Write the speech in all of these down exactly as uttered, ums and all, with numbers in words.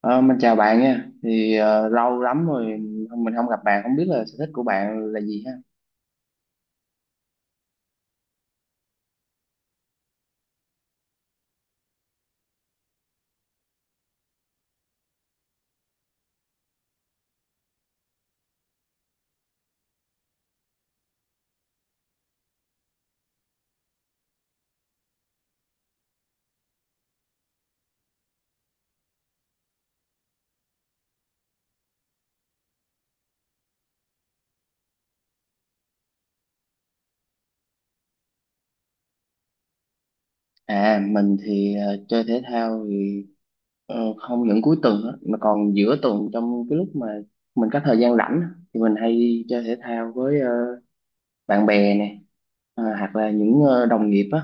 Ờ, mình chào bạn nha. Thì ờ, lâu lắm rồi mình không gặp bạn, không biết là sở thích của bạn là gì ha. À, mình thì ờ, chơi thể thao thì ờ, không những cuối tuần á, mà còn giữa tuần trong cái lúc mà mình có thời gian rảnh á, thì mình hay chơi thể thao với ờ, bạn bè nè, ờ, hoặc là những ờ, đồng nghiệp á.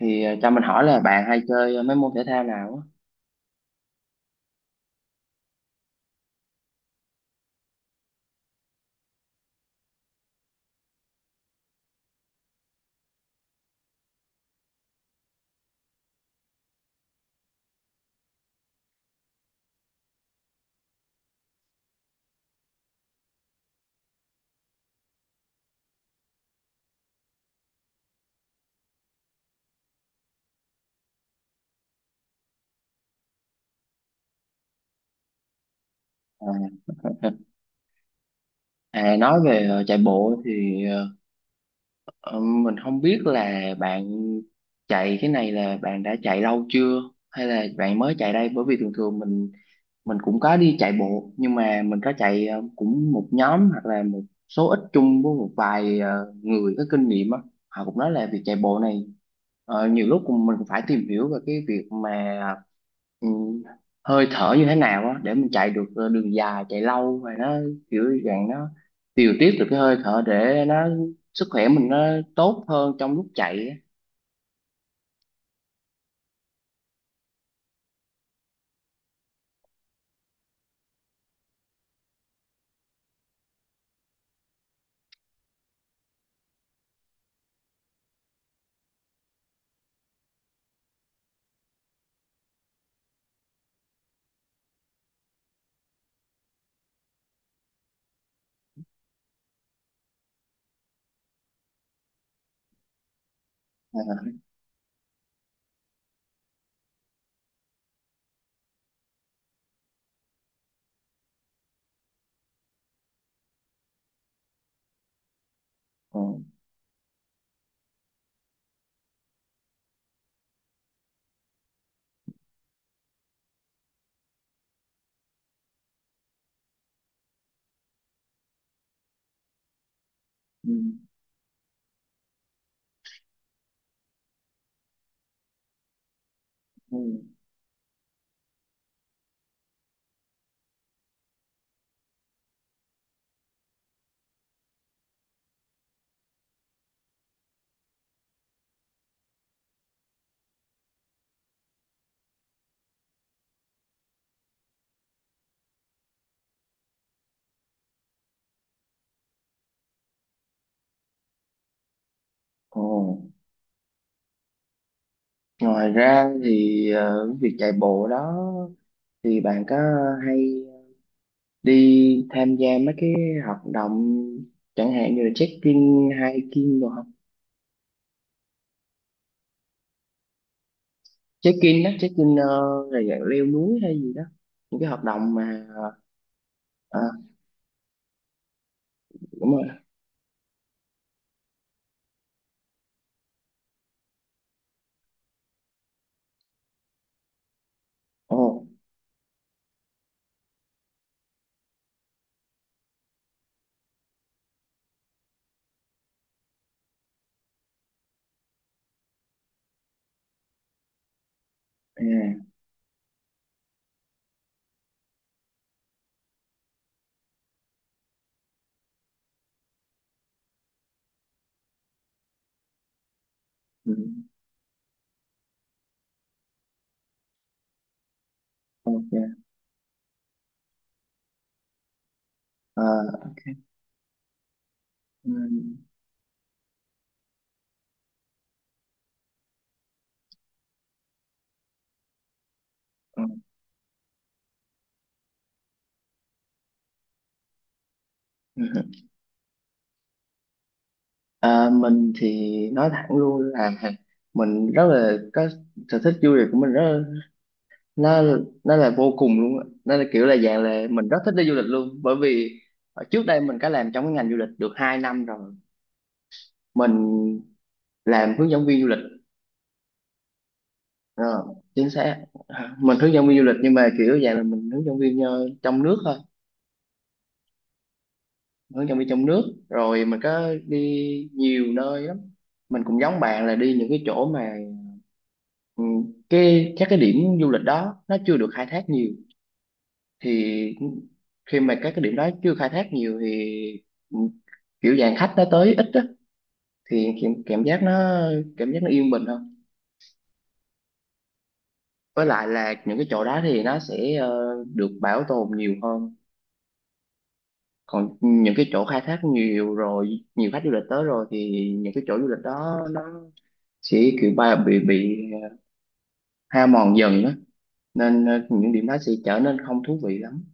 Thì ờ, cho mình hỏi là bạn hay chơi ờ, mấy môn thể thao nào á? À, nói về ờ, chạy bộ thì ờ, Ờ, mình không biết là bạn chạy cái này là bạn đã chạy lâu chưa hay là bạn mới chạy đây, bởi vì thường thường mình mình cũng có đi chạy bộ, nhưng mà mình có chạy ờ, cũng một nhóm hoặc là một số ít chung với một vài ờ, người có kinh nghiệm á. Họ cũng nói là việc chạy bộ này ờ, nhiều lúc cũng- mình cũng phải tìm hiểu về cái việc mà ừ, hơi thở như thế nào á để mình chạy được ờ, đường dài, chạy lâu và nó kiểu dạng nó điều tiết được cái hơi thở để nó sức khỏe mình nó tốt hơn trong lúc chạy á. Ờ, ờ, ừ, ừ. Ồ, ngoài ra thì ờ, việc chạy bộ đó thì bạn có hay đi tham gia mấy cái hoạt động chẳng hạn như là check-in, hiking đồ không? Check-in đó, check-in ờ, là dạng leo núi hay gì đó, những cái hoạt động mà à, đúng rồi. ồ à, ừ, ok. Ờ, ừ, ừ, ừ. ừ. À, mình thì nói thẳng luôn là mình rất là có sở thích du lịch của mình rất, nó nó là vô cùng luôn á, nó là kiểu là dạng là mình rất thích đi du lịch luôn, bởi vì ở trước đây mình có làm trong cái ngành du lịch được hai năm rồi. Mình làm hướng dẫn viên du lịch. Ờ, chính xác. Mình hướng dẫn viên du lịch, nhưng mà kiểu dạng là mình hướng dẫn viên ờ, trong nước thôi. Hướng dẫn viên trong nước, rồi mình có đi nhiều nơi lắm. Mình cũng giống bạn là đi những cái chỗ mà ừ, cái các cái điểm du lịch đó nó chưa được khai thác nhiều. Thì khi mà các cái điểm đó chưa khai thác nhiều thì kiểu dạng khách nó tới ít á, thì cảm, cảm giác nó, cảm giác nó yên bình hơn. Với lại là những cái chỗ đó thì nó sẽ ờ, được bảo tồn nhiều hơn. Còn những cái chỗ khai thác nhiều rồi, nhiều khách du lịch tới rồi, thì những cái chỗ du lịch đó nó sẽ kiểu ba bị bị hao mòn dần đó, nên ờ, những điểm đó sẽ trở nên không thú vị lắm.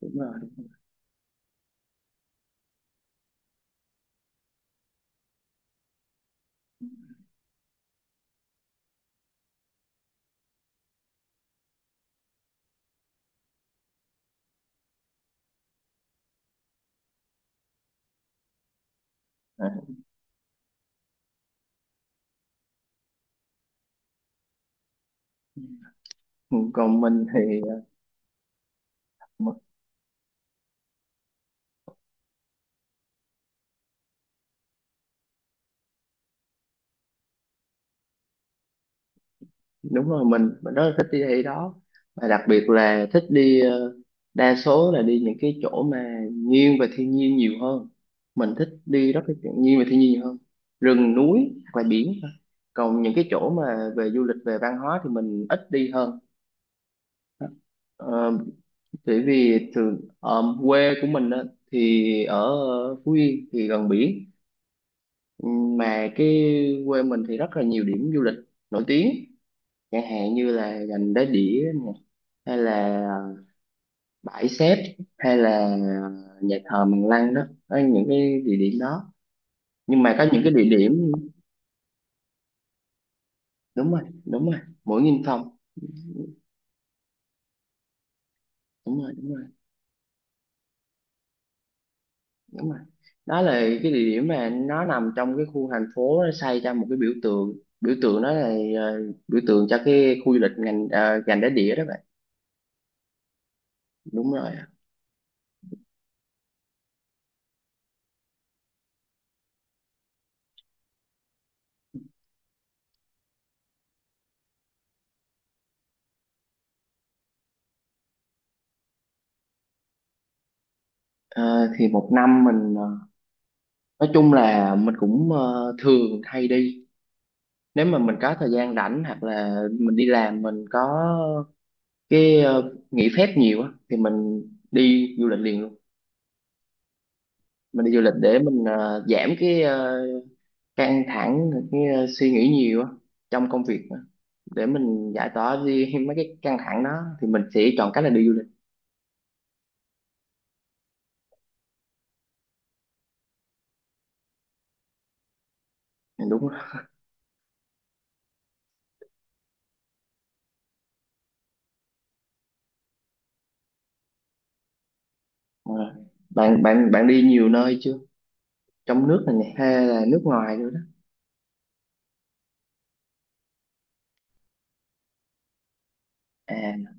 Đúng rồi. Ừ, còn mình thì ờ, đúng rồi, mình mình rất là thích đi thị đó, và đặc biệt là thích đi ờ, đa số là đi những cái chỗ mà nghiêng về thiên nhiên nhiều hơn. Mình thích đi rất là chuyện nghiêng về thiên nhiên nhiều hơn, rừng núi hoặc là biển thôi. Còn những cái chỗ mà về du lịch về văn hóa thì mình ít đi hơn. Ờ, bởi vì thường ờ, quê của mình á, thì ở Phú Yên thì gần biển. Ừm, mà cái quê mình thì rất là nhiều điểm du lịch nổi tiếng, chẳng hạn như là gành Đá Đĩa nè, hay là ờ, bãi Xép, hay là ờ, nhà thờ Mằng Lăng đó. Đó là những cái địa điểm đó, nhưng mà có những cái địa điểm đúng rồi, đúng rồi, Mũi nghìn phòng, đúng rồi, đúng rồi, đúng rồi. Đó là cái địa điểm mà nó nằm trong cái khu thành phố, nó xây ra một cái biểu tượng. Biểu tượng đó là ờ, biểu tượng cho cái khu du lịch ngành ờ, gành Đá Đĩa đó bạn. Đúng rồi. Ờ, thì một năm mình ờ, nói chung là mình cũng ờ, thường hay đi. Nếu mà mình có thời gian rảnh hoặc là mình đi làm mình có cái ờ, nghỉ phép nhiều á thì mình đi du lịch liền luôn. Mình đi du lịch để mình ờ, giảm cái ờ, căng thẳng, cái ờ, suy nghĩ nhiều á trong công việc á, để mình giải tỏa đi mấy cái căng thẳng đó, thì mình sẽ chọn cách là đi du lịch. Ừ, đúng rồi. Ờ, bạn bạn bạn đi nhiều nơi chưa, trong nước này nè hay là nước ngoài nữa đó? À,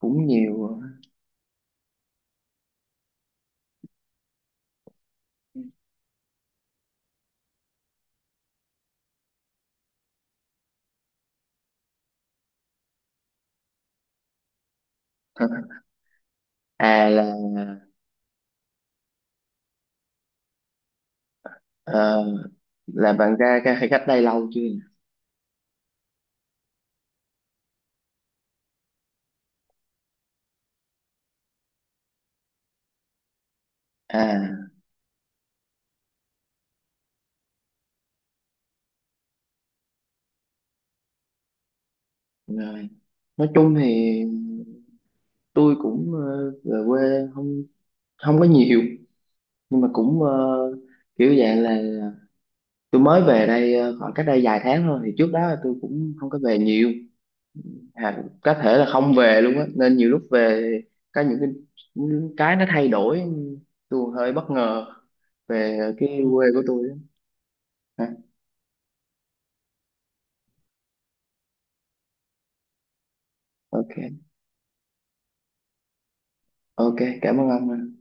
cũng nhiều. À là, ờ, là bạn ra cái khách đây lâu chưa nhỉ? À rồi, nói chung thì tôi cũng ờ, về quê không, không có nhiều, nhưng mà cũng ờ, kiểu dạng là tôi mới về đây ờ, khoảng cách đây vài tháng thôi. Thì trước đó là tôi cũng không có về nhiều, à, có thể là không về luôn á. Nên nhiều lúc về có những cái, những cái nó thay đổi, tôi hơi bất ngờ về cái quê của tôi á. À, ok, ok, cảm ơn ông.